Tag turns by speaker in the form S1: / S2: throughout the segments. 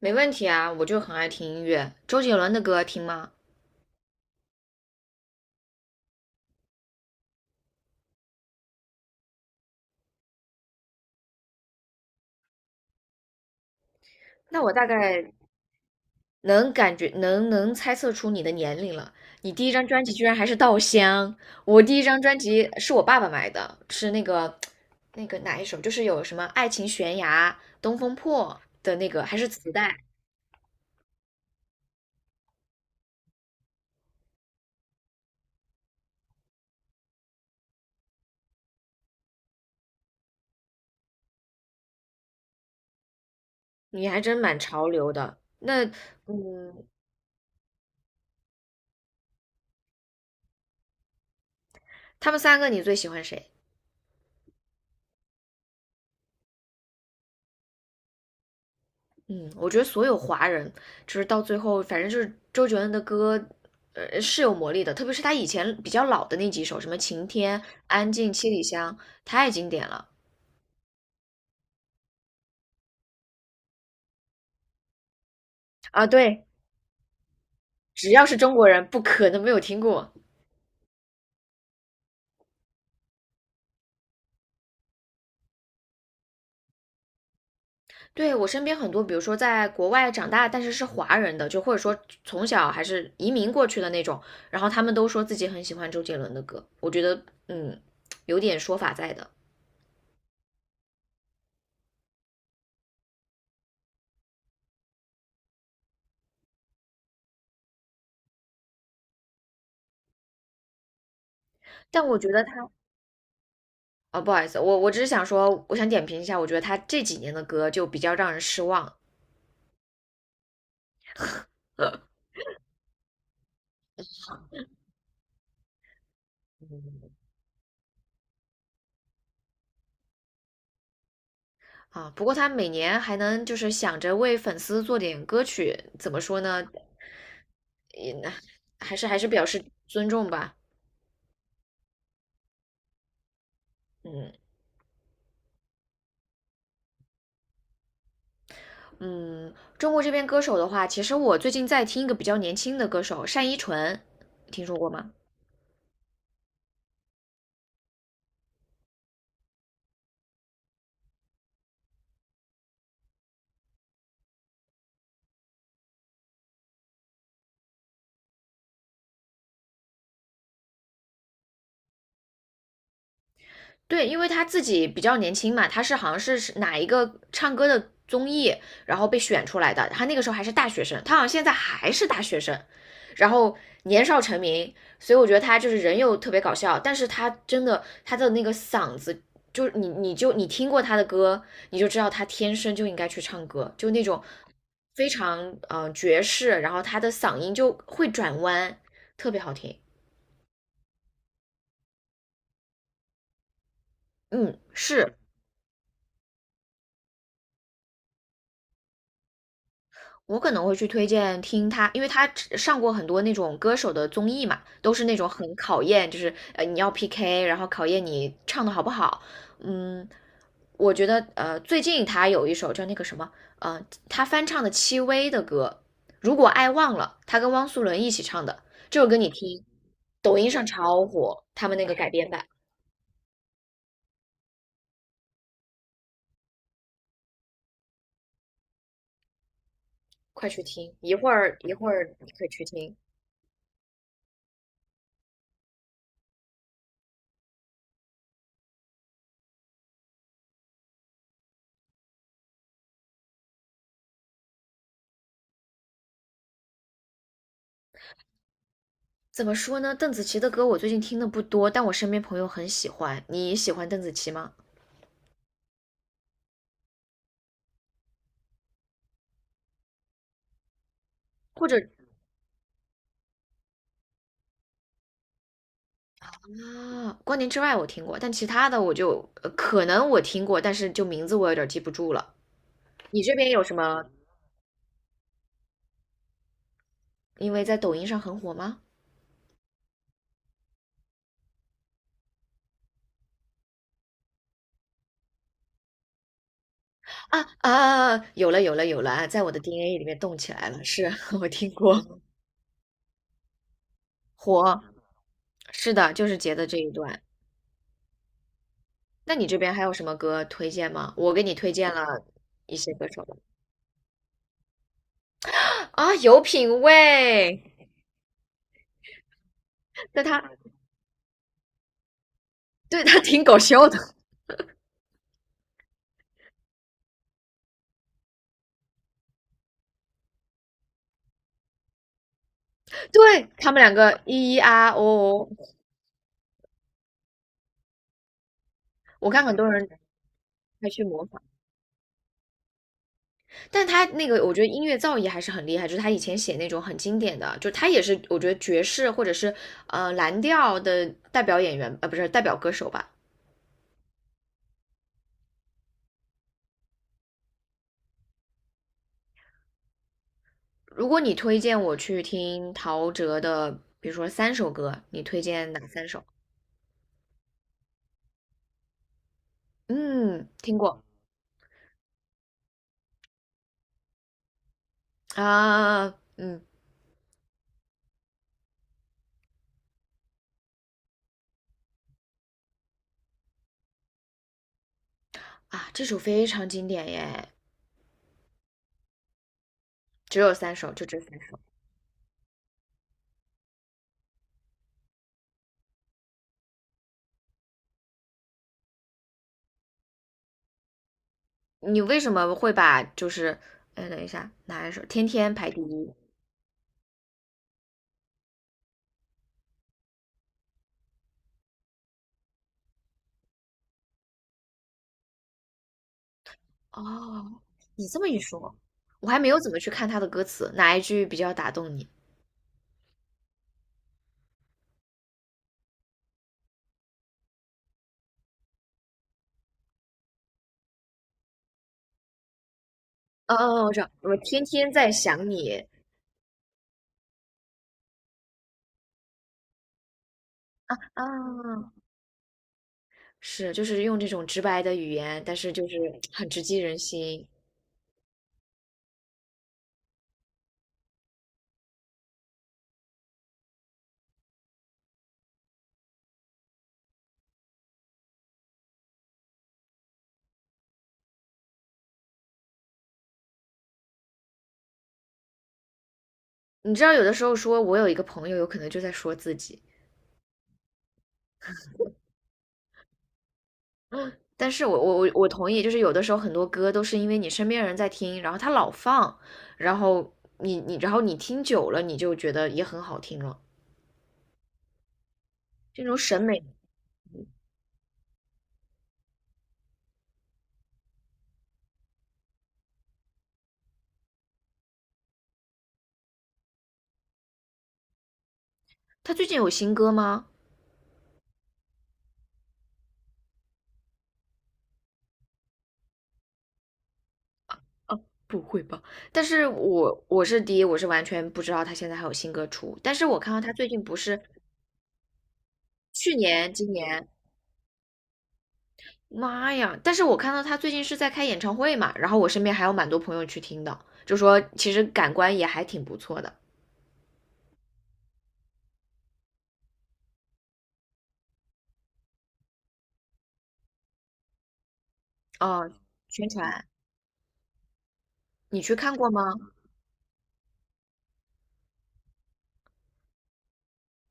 S1: 没问题啊，我就很爱听音乐，周杰伦的歌听吗？那我大概能感觉能能猜测出你的年龄了。你第一张专辑居然还是《稻香》，我第一张专辑是我爸爸买的，是那个哪一首，就是有什么《爱情悬崖》《东风破》的那个，还是磁带。你还真蛮潮流的。那嗯，他们三个你最喜欢谁？嗯，我觉得所有华人就是到最后，反正就是周杰伦的歌，是有魔力的。特别是他以前比较老的那几首，什么《晴天》《安静》《七里香》，太经典了啊！对，只要是中国人，不可能没有听过。对，我身边很多，比如说在国外长大，但是是华人的，就或者说从小还是移民过去的那种，然后他们都说自己很喜欢周杰伦的歌。我觉得，嗯，有点说法在的。但我觉得他。啊，不好意思，我只是想说，我想点评一下，我觉得他这几年的歌就比较让人失望啊。不过他每年还能就是想着为粉丝做点歌曲，怎么说呢？也还是表示尊重吧。嗯嗯，中国这边歌手的话，其实我最近在听一个比较年轻的歌手单依纯，听说过吗？对，因为他自己比较年轻嘛，他是好像是哪一个唱歌的综艺，然后被选出来的。他那个时候还是大学生，他好像现在还是大学生，然后年少成名，所以我觉得他就是人又特别搞笑，但是他真的他的那个嗓子，就是你听过他的歌，你就知道他天生就应该去唱歌，就那种非常嗯爵士，然后他的嗓音就会转弯，特别好听。嗯，是。我可能会去推荐听他，因为他上过很多那种歌手的综艺嘛，都是那种很考验，就是你要 PK,然后考验你唱的好不好。嗯，我觉得最近他有一首叫那个什么，呃他翻唱的戚薇的歌，如果爱忘了，他跟汪苏泷一起唱的这首歌，你听，抖音上超火，他们那个改编版，快去听，一会儿你可以去听。怎么说呢？邓紫棋的歌我最近听的不多，但我身边朋友很喜欢。你喜欢邓紫棋吗？或者啊，《光年之外》我听过，但其他的我就可能我听过，但是就名字我有点记不住了。你这边有什么？因为在抖音上很火吗？啊啊，啊有了啊，在我的 DNA 里面动起来了。是 我听过火，是的，就是截的这一段。那你这边还有什么歌推荐吗？我给你推荐了一些歌手吧啊，有品味。那他对 他挺搞笑的，对他们两个咿咿啊哦哦哦，我看很多人还去模仿，但他那个我觉得音乐造诣还是很厉害，就是他以前写那种很经典的，就他也是我觉得爵士或者是蓝调的代表演员，不是代表歌手吧。如果你推荐我去听陶喆的，比如说三首歌，你推荐哪三首？嗯，听过啊，嗯啊，这首非常经典耶，只有三首，就这三首。你为什么会把就是，哎，等一下，哪一首？天天排第一。哦，你这么一说，我还没有怎么去看他的歌词，哪一句比较打动你？哦哦哦，我知道，我天天在想你啊，是，就是用这种直白的语言，但是就是很直击人心。你知道，有的时候说我有一个朋友，有可能就在说自己。但是我同意，就是有的时候很多歌都是因为你身边人在听，然后他老放，然后你听久了，你就觉得也很好听了，这种审美。他最近有新歌吗？不会吧？但是我是完全不知道他现在还有新歌出，但是我看到他最近不是去年、今年，妈呀！但是我看到他最近是在开演唱会嘛，然后我身边还有蛮多朋友去听的，就说其实感官也还挺不错的。哦，宣传，你去看过吗？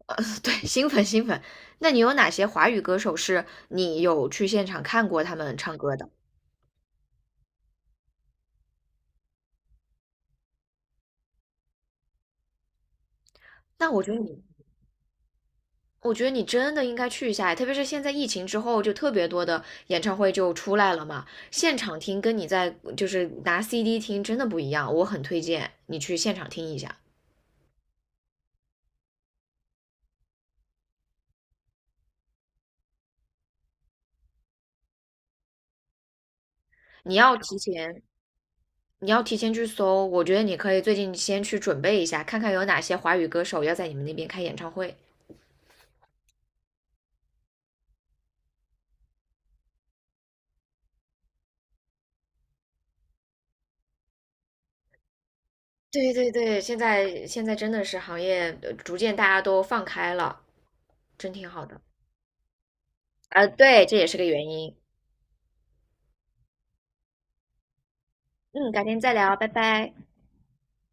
S1: 呃，对，新粉新粉，那你有哪些华语歌手是你有去现场看过他们唱歌的？那我觉得你，我觉得你真的应该去一下，特别是现在疫情之后，就特别多的演唱会就出来了嘛，现场听跟你在就是拿 CD 听真的不一样，我很推荐你去现场听一下。你要提前，你要提前去搜，我觉得你可以最近先去准备一下，看看有哪些华语歌手要在你们那边开演唱会。对对对，现在真的是行业逐渐大家都放开了，真挺好的。呃，对，这也是个原因。嗯，改天再聊，拜拜。